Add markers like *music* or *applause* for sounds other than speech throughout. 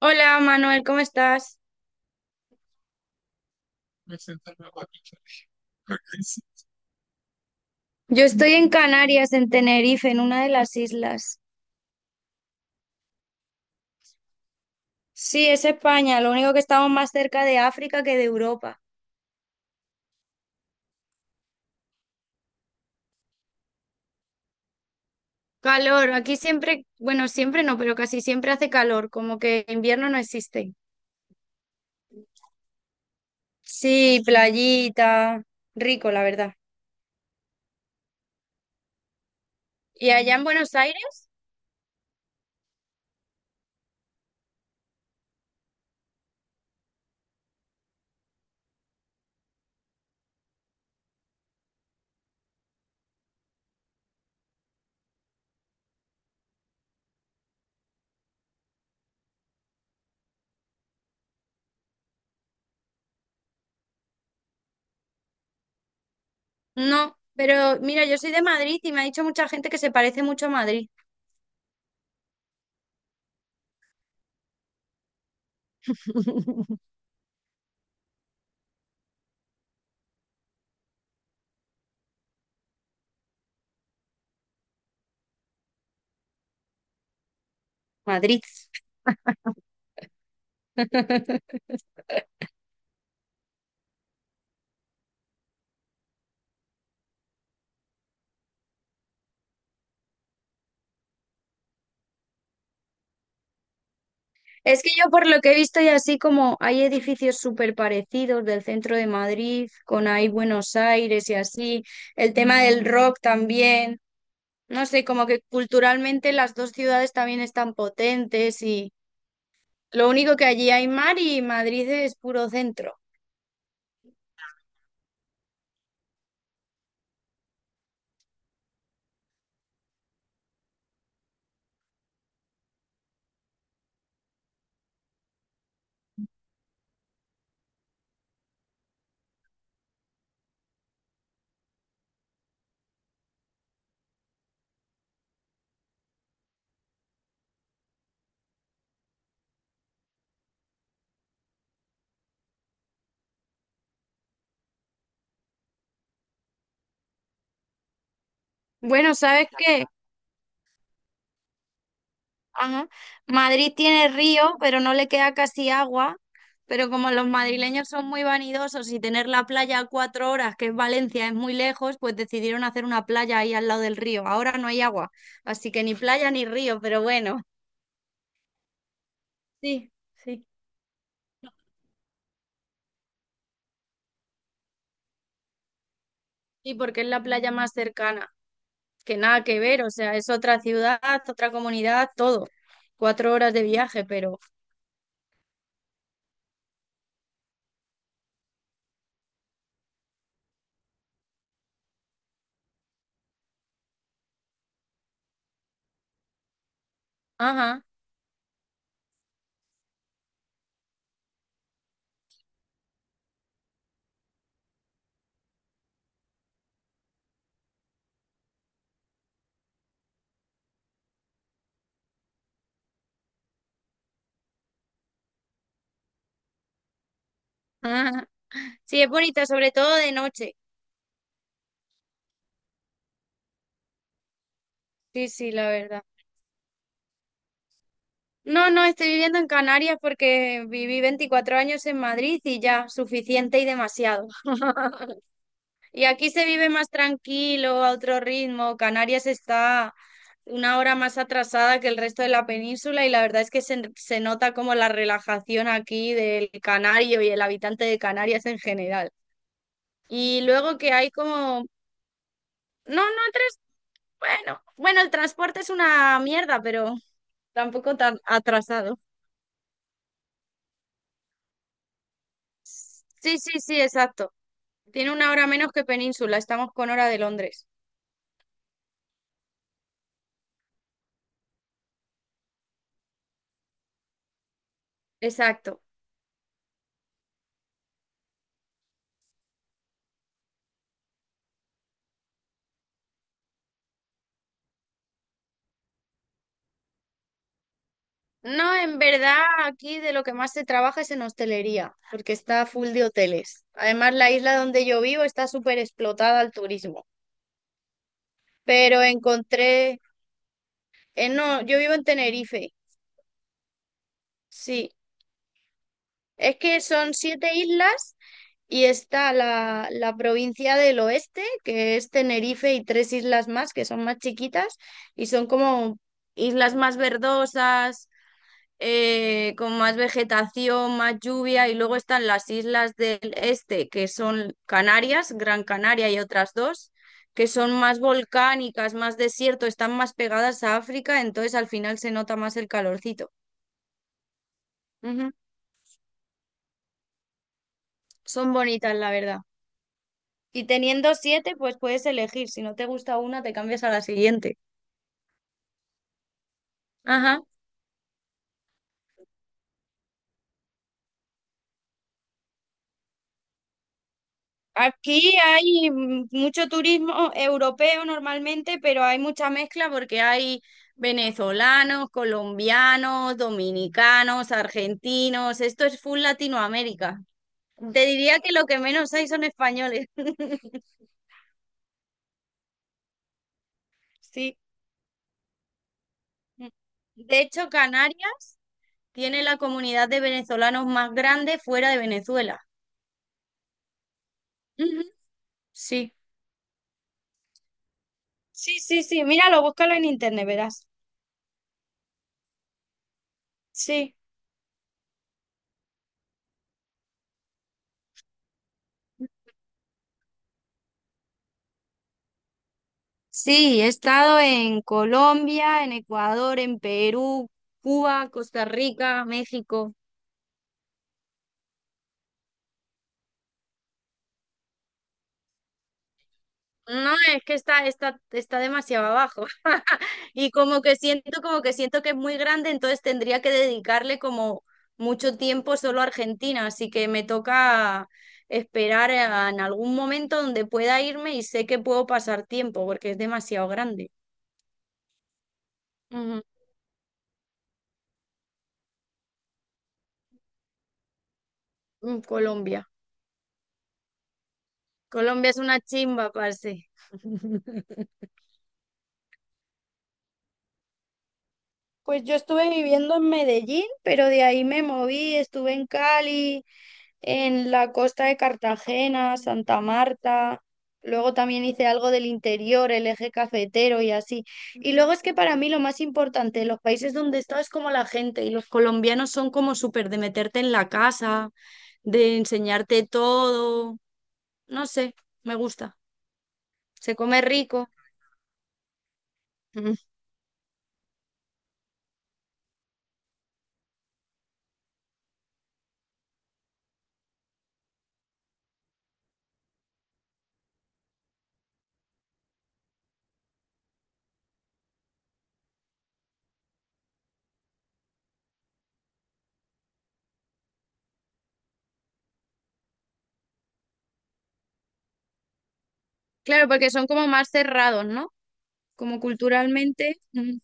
Hola Manuel, ¿cómo estás? Yo estoy en Canarias, en Tenerife, en una de las islas. Sí, es España, lo único que estamos más cerca de África que de Europa. Calor, aquí siempre, bueno, siempre no, pero casi siempre hace calor, como que invierno no existe. Sí, playita, rico, la verdad. ¿Y allá en Buenos Aires? No, pero mira, yo soy de Madrid y me ha dicho mucha gente que se parece mucho a Madrid. Madrid. Es que yo por lo que he visto y así como hay edificios súper parecidos del centro de Madrid, con ahí Buenos Aires y así, el tema del rock también, no sé, como que culturalmente las dos ciudades también están potentes y lo único que allí hay mar y Madrid es puro centro. Bueno, ¿sabes qué? Ajá. Madrid tiene río, pero no le queda casi agua. Pero como los madrileños son muy vanidosos y tener la playa a cuatro horas, que es Valencia, es muy lejos, pues decidieron hacer una playa ahí al lado del río. Ahora no hay agua, así que ni playa ni río, pero bueno. Sí, sí. Sí, porque es la playa más cercana, que nada que ver, o sea, es otra ciudad, otra comunidad, todo. 4 horas de viaje, pero... Ajá. Ajá. Sí, es bonita, sobre todo de noche. Sí, sí, la verdad. No, no, estoy viviendo en Canarias porque viví 24 años en Madrid y ya, suficiente y demasiado. *laughs* Y aquí se vive más tranquilo, a otro ritmo. Canarias está una hora más atrasada que el resto de la península y la verdad es que se nota como la relajación aquí del canario y el habitante de Canarias en general. Y luego que hay como... No, no, tres... Bueno, bueno, el transporte es una mierda, pero tampoco tan atrasado. Sí, sí, sí, exacto. Tiene una hora menos que Península, estamos con hora de Londres. Exacto. No, en verdad, aquí de lo que más se trabaja es en hostelería, porque está full de hoteles. Además, la isla donde yo vivo está súper explotada al turismo. Pero encontré, no, yo vivo en Tenerife, sí. Es que son siete islas y está la provincia del oeste, que es Tenerife y tres islas más, que son más chiquitas y son como islas más verdosas con más vegetación, más lluvia, y luego están las islas del este, que son Canarias, Gran Canaria y otras dos, que son más volcánicas, más desierto, están más pegadas a África, entonces al final se nota más el calorcito. Ujú. Son bonitas, la verdad. Y teniendo siete, pues puedes elegir. Si no te gusta una, te cambias a la siguiente. Ajá. Aquí hay mucho turismo europeo normalmente, pero hay mucha mezcla porque hay venezolanos, colombianos, dominicanos, argentinos. Esto es full Latinoamérica. Te diría que lo que menos hay son españoles. *laughs* Sí. De hecho, Canarias tiene la comunidad de venezolanos más grande fuera de Venezuela. Ujú. Sí. Sí, sí, sí. Míralo, búscalo en internet, verás. Sí. Sí, he estado en Colombia, en Ecuador, en Perú, Cuba, Costa Rica, México. No, es que está demasiado abajo. *laughs* Y como que siento que es muy grande, entonces tendría que dedicarle como mucho tiempo solo a Argentina. Así que me toca esperar en algún momento donde pueda irme y sé que puedo pasar tiempo porque es demasiado grande. Ujú. Mm, Colombia. Colombia es una chimba, parce. Pues yo estuve viviendo en Medellín, pero de ahí me moví, estuve en Cali, en la costa de Cartagena, Santa Marta, luego también hice algo del interior, el eje cafetero y así. Y luego es que para mí lo más importante, los países donde he estado es como la gente, y los colombianos son como súper de meterte en la casa, de enseñarte todo, no sé, me gusta, se come rico. Ujú. Claro, porque son como más cerrados, ¿no? Como culturalmente. Ujú,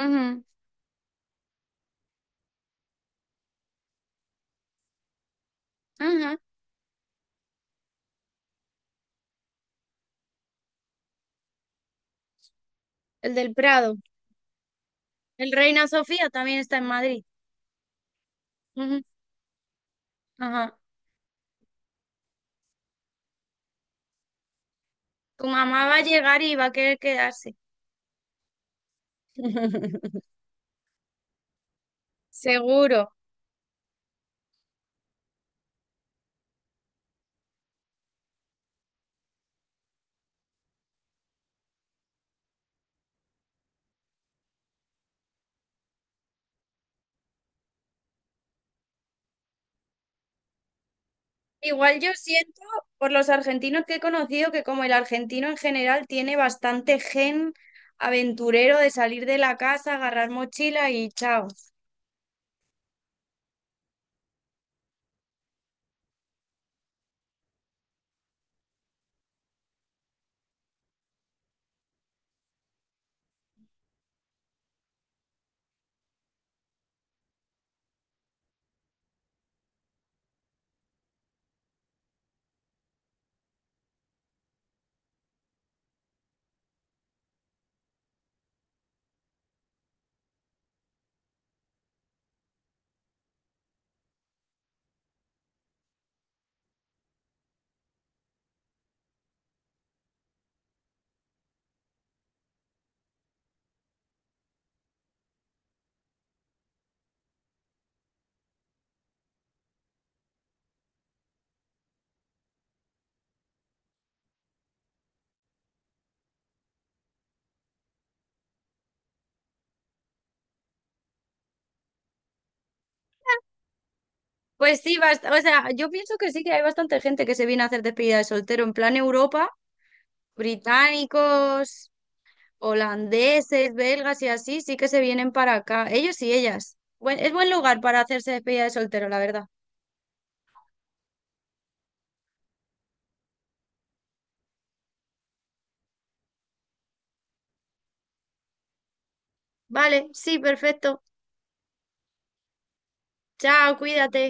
ujú. Ajá, el del Prado. El Reina Sofía también está en Madrid. Ujú. Ajá. Tu mamá va a llegar y va a querer quedarse. *laughs* Seguro. Igual yo siento por los argentinos que he conocido que como el argentino en general tiene bastante gen aventurero de salir de la casa, agarrar mochila y chao. Pues sí, o sea, yo pienso que sí que hay bastante gente que se viene a hacer despedida de soltero en plan Europa, británicos, holandeses, belgas y así, sí que se vienen para acá. Ellos y ellas. Es buen lugar para hacerse despedida de soltero, la verdad. Vale, sí, perfecto. Chao, cuídate.